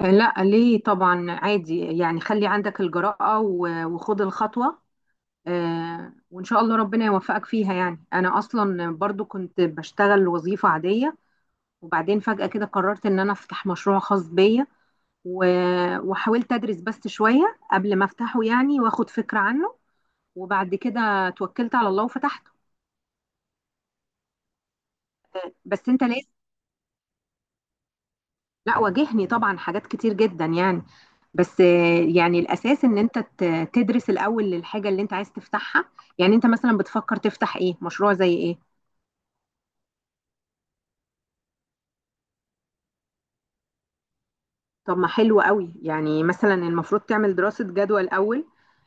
لا، ليه؟ طبعا عادي يعني، خلي عندك الجرأة وخد الخطوة. وإن شاء الله ربنا يوفقك فيها يعني. أنا أصلا برضو كنت بشتغل وظيفة عادية، وبعدين فجأة كده قررت إن أنا أفتح مشروع خاص بيا. وحاولت أدرس بس شوية قبل ما أفتحه يعني وأخد فكرة عنه، وبعد كده توكلت على الله وفتحته. بس أنت لازم. لا، واجهني طبعا حاجات كتير جدا يعني. بس يعني الاساس ان انت تدرس الاول للحاجه اللي انت عايز تفتحها. يعني انت مثلا بتفكر تفتح ايه؟ مشروع زي ايه؟ طب ما حلو قوي يعني. مثلا المفروض تعمل دراسه جدوى الاول،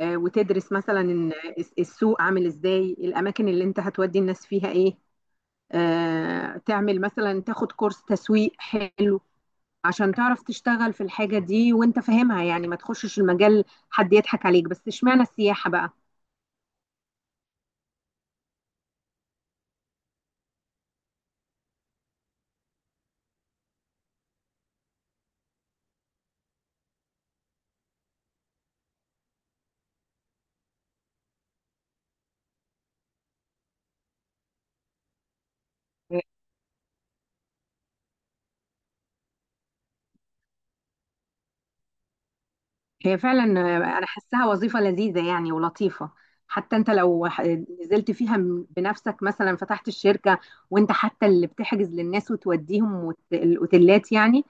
وتدرس مثلا إن السوق عامل ازاي، الاماكن اللي انت هتودي الناس فيها ايه. تعمل مثلا، تاخد كورس تسويق حلو عشان تعرف تشتغل في الحاجه دي وانت فاهمها، يعني ما تخشش المجال حد يضحك عليك. بس اشمعنى السياحه بقى؟ هي فعلا انا حاساها وظيفه لذيذه يعني ولطيفه. حتى انت لو نزلت فيها بنفسك مثلا، فتحت الشركه وانت حتى اللي بتحجز للناس وتوديهم الاوتيلات يعني،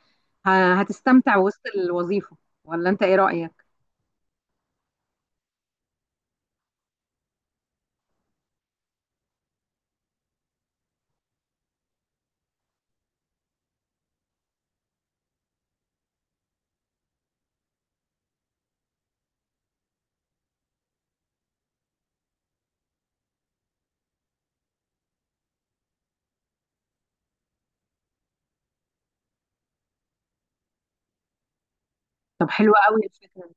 هتستمتع وسط الوظيفه. ولا انت ايه رايك؟ طب حلوه قوي الفكره دي.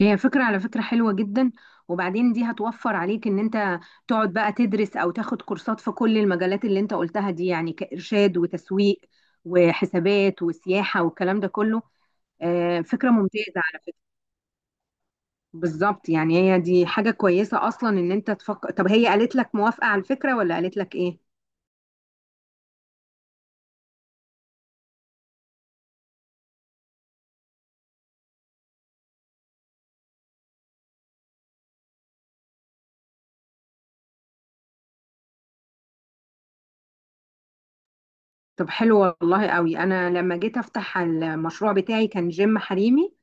هي فكره، على فكره، حلوه جدا. وبعدين دي هتوفر عليك ان انت تقعد بقى تدرس او تاخد كورسات في كل المجالات اللي انت قلتها دي، يعني كارشاد وتسويق وحسابات وسياحه والكلام ده كله. فكرة ممتازة على فكرة. بالظبط يعني، هي دي حاجة كويسة أصلا إن أنت تفكر. طب هي قالت لك موافقة على الفكرة ولا قالت لك إيه؟ طب حلو والله قوي. أنا لما جيت أفتح المشروع بتاعي كان جيم حريمي.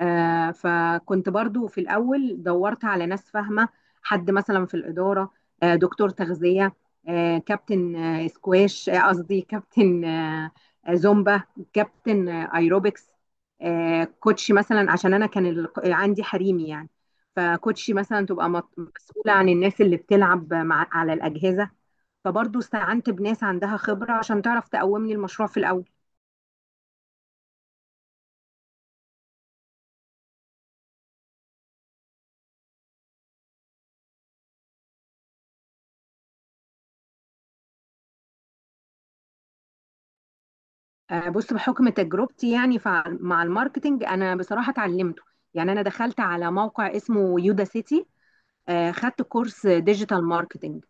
فكنت برضو في الأول دورت على ناس فاهمة، حد مثلا في الإدارة، دكتور تغذية، كابتن سكواش، قصدي كابتن، زومبا، كابتن ايروبكس، كوتشي مثلا، عشان انا كان عندي حريمي يعني. فكوتشي مثلا تبقى مسؤولة عن الناس اللي بتلعب مع على الأجهزة. فبرضو استعنت بناس عندها خبرة عشان تعرف تقومني المشروع في الأول. بص، بحكم تجربتي يعني مع الماركتينج، انا بصراحه اتعلمته. يعني انا دخلت على موقع اسمه يودا سيتي، خدت كورس ديجيتال ماركتينج،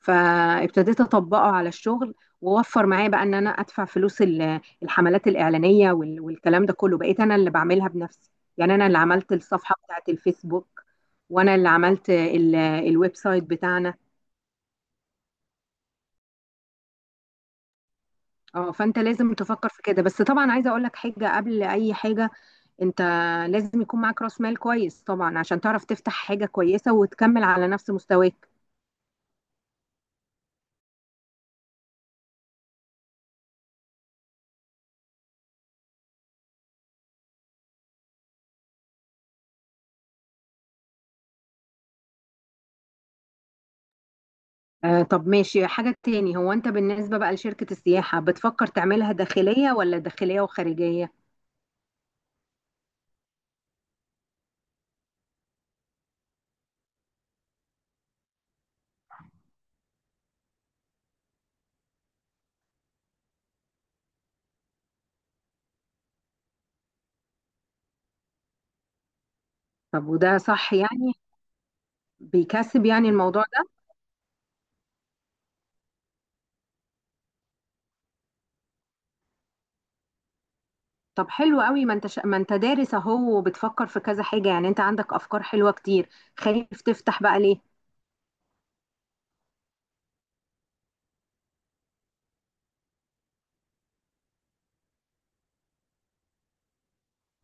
فابتديت اطبقه على الشغل. ووفر معايا بقى ان انا ادفع فلوس الحملات الاعلانيه والكلام ده كله، بقيت انا اللي بعملها بنفسي. يعني انا اللي عملت الصفحه بتاعت الفيسبوك، وانا اللي عملت الويب سايت بتاعنا. اه، فانت لازم تفكر في كده. بس طبعا عايزه اقول لك حاجه قبل اي حاجه، انت لازم يكون معاك راس مال كويس طبعا عشان تعرف تفتح حاجة كويسة وتكمل على نفس مستواك. آه، طب ماشي. حاجة تاني، هو انت بالنسبة بقى لشركة السياحة بتفكر تعملها داخلية ولا داخلية وخارجية؟ طب وده صح يعني؟ بيكسب يعني الموضوع ده؟ طب حلو قوي، ما انت دارس اهو وبتفكر في كذا حاجة يعني، انت عندك افكار حلوة كتير. خايف تفتح بقى ليه؟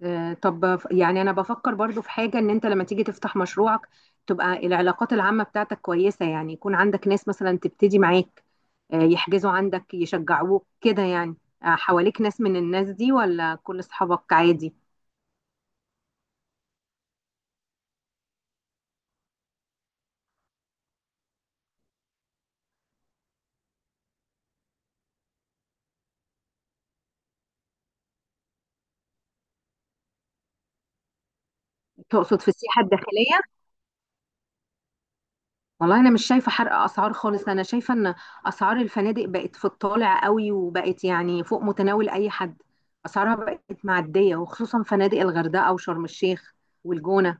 طب يعني انا بفكر برضو في حاجة، ان انت لما تيجي تفتح مشروعك تبقى العلاقات العامة بتاعتك كويسة، يعني يكون عندك ناس مثلا تبتدي معاك، يحجزوا عندك، يشجعوك كده يعني. حواليك ناس من الناس دي ولا كل اصحابك عادي؟ تقصد في السياحة الداخلية؟ والله انا مش شايفة حرق اسعار خالص، انا شايفة ان اسعار الفنادق بقت في الطالع قوي، وبقت يعني فوق متناول اي حد. اسعارها بقت معدية، وخصوصا فنادق الغردقة وشرم الشيخ والجونة.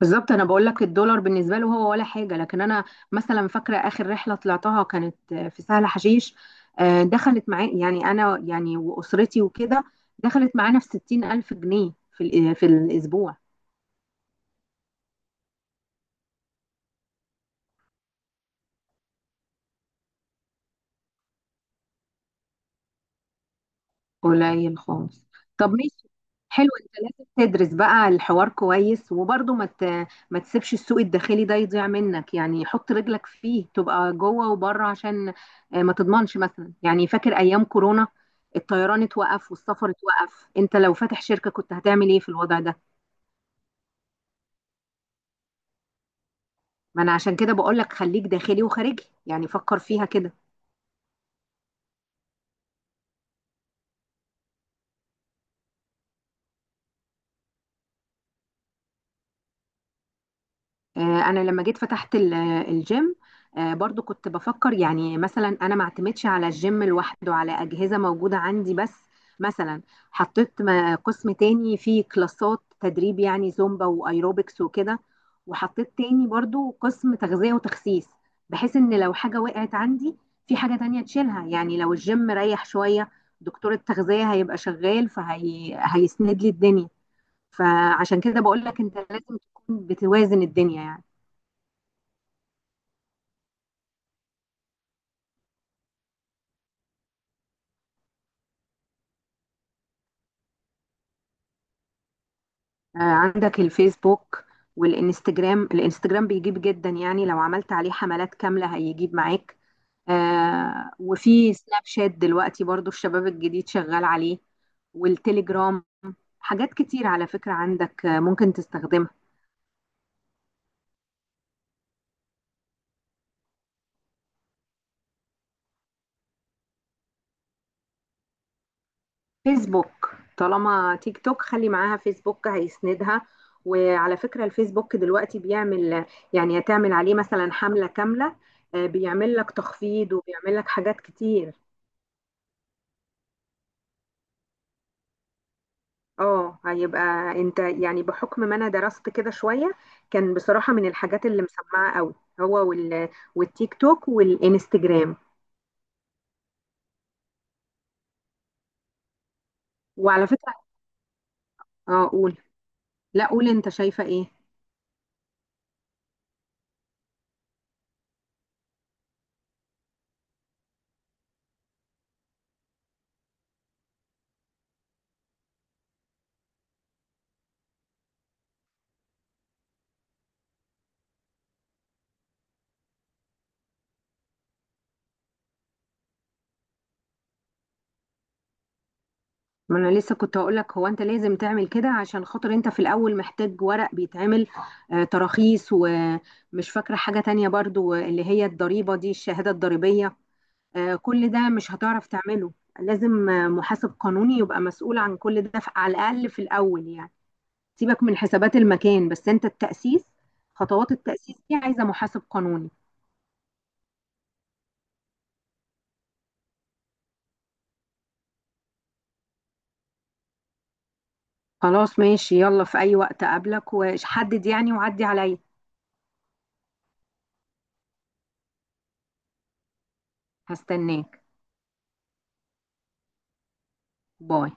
بالظبط، انا بقول لك الدولار بالنسبه له هو ولا حاجه، لكن انا مثلا فاكره اخر رحله طلعتها كانت في سهل حشيش. دخلت معايا يعني، انا يعني واسرتي وكده، دخلت معانا في 60,000 جنيه في الاسبوع. قليل خالص. طب ماشي، حلو. انت لازم تدرس بقى الحوار كويس، وبرضه ما تسيبش السوق الداخلي ده يضيع منك، يعني حط رجلك فيه تبقى جوه وبره، عشان ما تضمنش مثلا. يعني فاكر ايام كورونا الطيران اتوقف والسفر اتوقف، انت لو فاتح شركة كنت هتعمل ايه في الوضع ده؟ ما انا عشان كده بقول لك خليك داخلي وخارجي، يعني فكر فيها كده. آه، انا لما جيت فتحت الجيم، برضو كنت بفكر يعني، مثلا انا ما اعتمدش على الجيم لوحده، على اجهزه موجوده عندي بس. مثلا حطيت قسم تاني فيه كلاسات تدريب، يعني زومبا وايروبكس وكده، وحطيت تاني برضو قسم تغذيه وتخسيس، بحيث ان لو حاجه وقعت عندي في حاجه تانية تشيلها. يعني لو الجيم ريح شويه، دكتور التغذيه هيبقى شغال فهيسند لي الدنيا. فعشان كده بقول لك انت لازم تكون بتوازن الدنيا يعني. عندك الفيسبوك والانستجرام. الانستجرام بيجيب جدا يعني، لو عملت عليه حملات كاملة هيجيب معاك. وفي سناب شات دلوقتي برضو الشباب الجديد شغال عليه، والتليجرام. حاجات كتير على فكرة عندك، ممكن تستخدمها. فيسبوك، طالما تيك توك خلي معاها فيسبوك هيسندها. وعلى فكرة الفيسبوك دلوقتي بيعمل، يعني هتعمل عليه مثلا حملة كاملة، بيعمل لك تخفيض وبيعمل لك حاجات كتير. اه، هيبقى انت، يعني بحكم ما انا درست كده شوية، كان بصراحة من الحاجات اللي مسمعة قوي هو وال... والتيك توك والانستجرام. وعلى فكرة، اه قول. لا قول انت شايفة ايه. ما انا لسه كنت هقول لك، هو انت لازم تعمل كده، عشان خاطر انت في الاول محتاج ورق بيتعمل، آه، تراخيص، ومش فاكرة حاجة تانية برضو، اللي هي الضريبة دي، الشهادة الضريبية. آه، كل ده مش هتعرف تعمله. لازم محاسب قانوني يبقى مسؤول عن كل ده على الاقل في الاول يعني. سيبك من حسابات المكان، بس انت التأسيس، خطوات التأسيس دي عايزة محاسب قانوني. خلاص ماشي، يلا في أي وقت أقابلك، وحدد يعني وعدي عليا. هستناك. باي.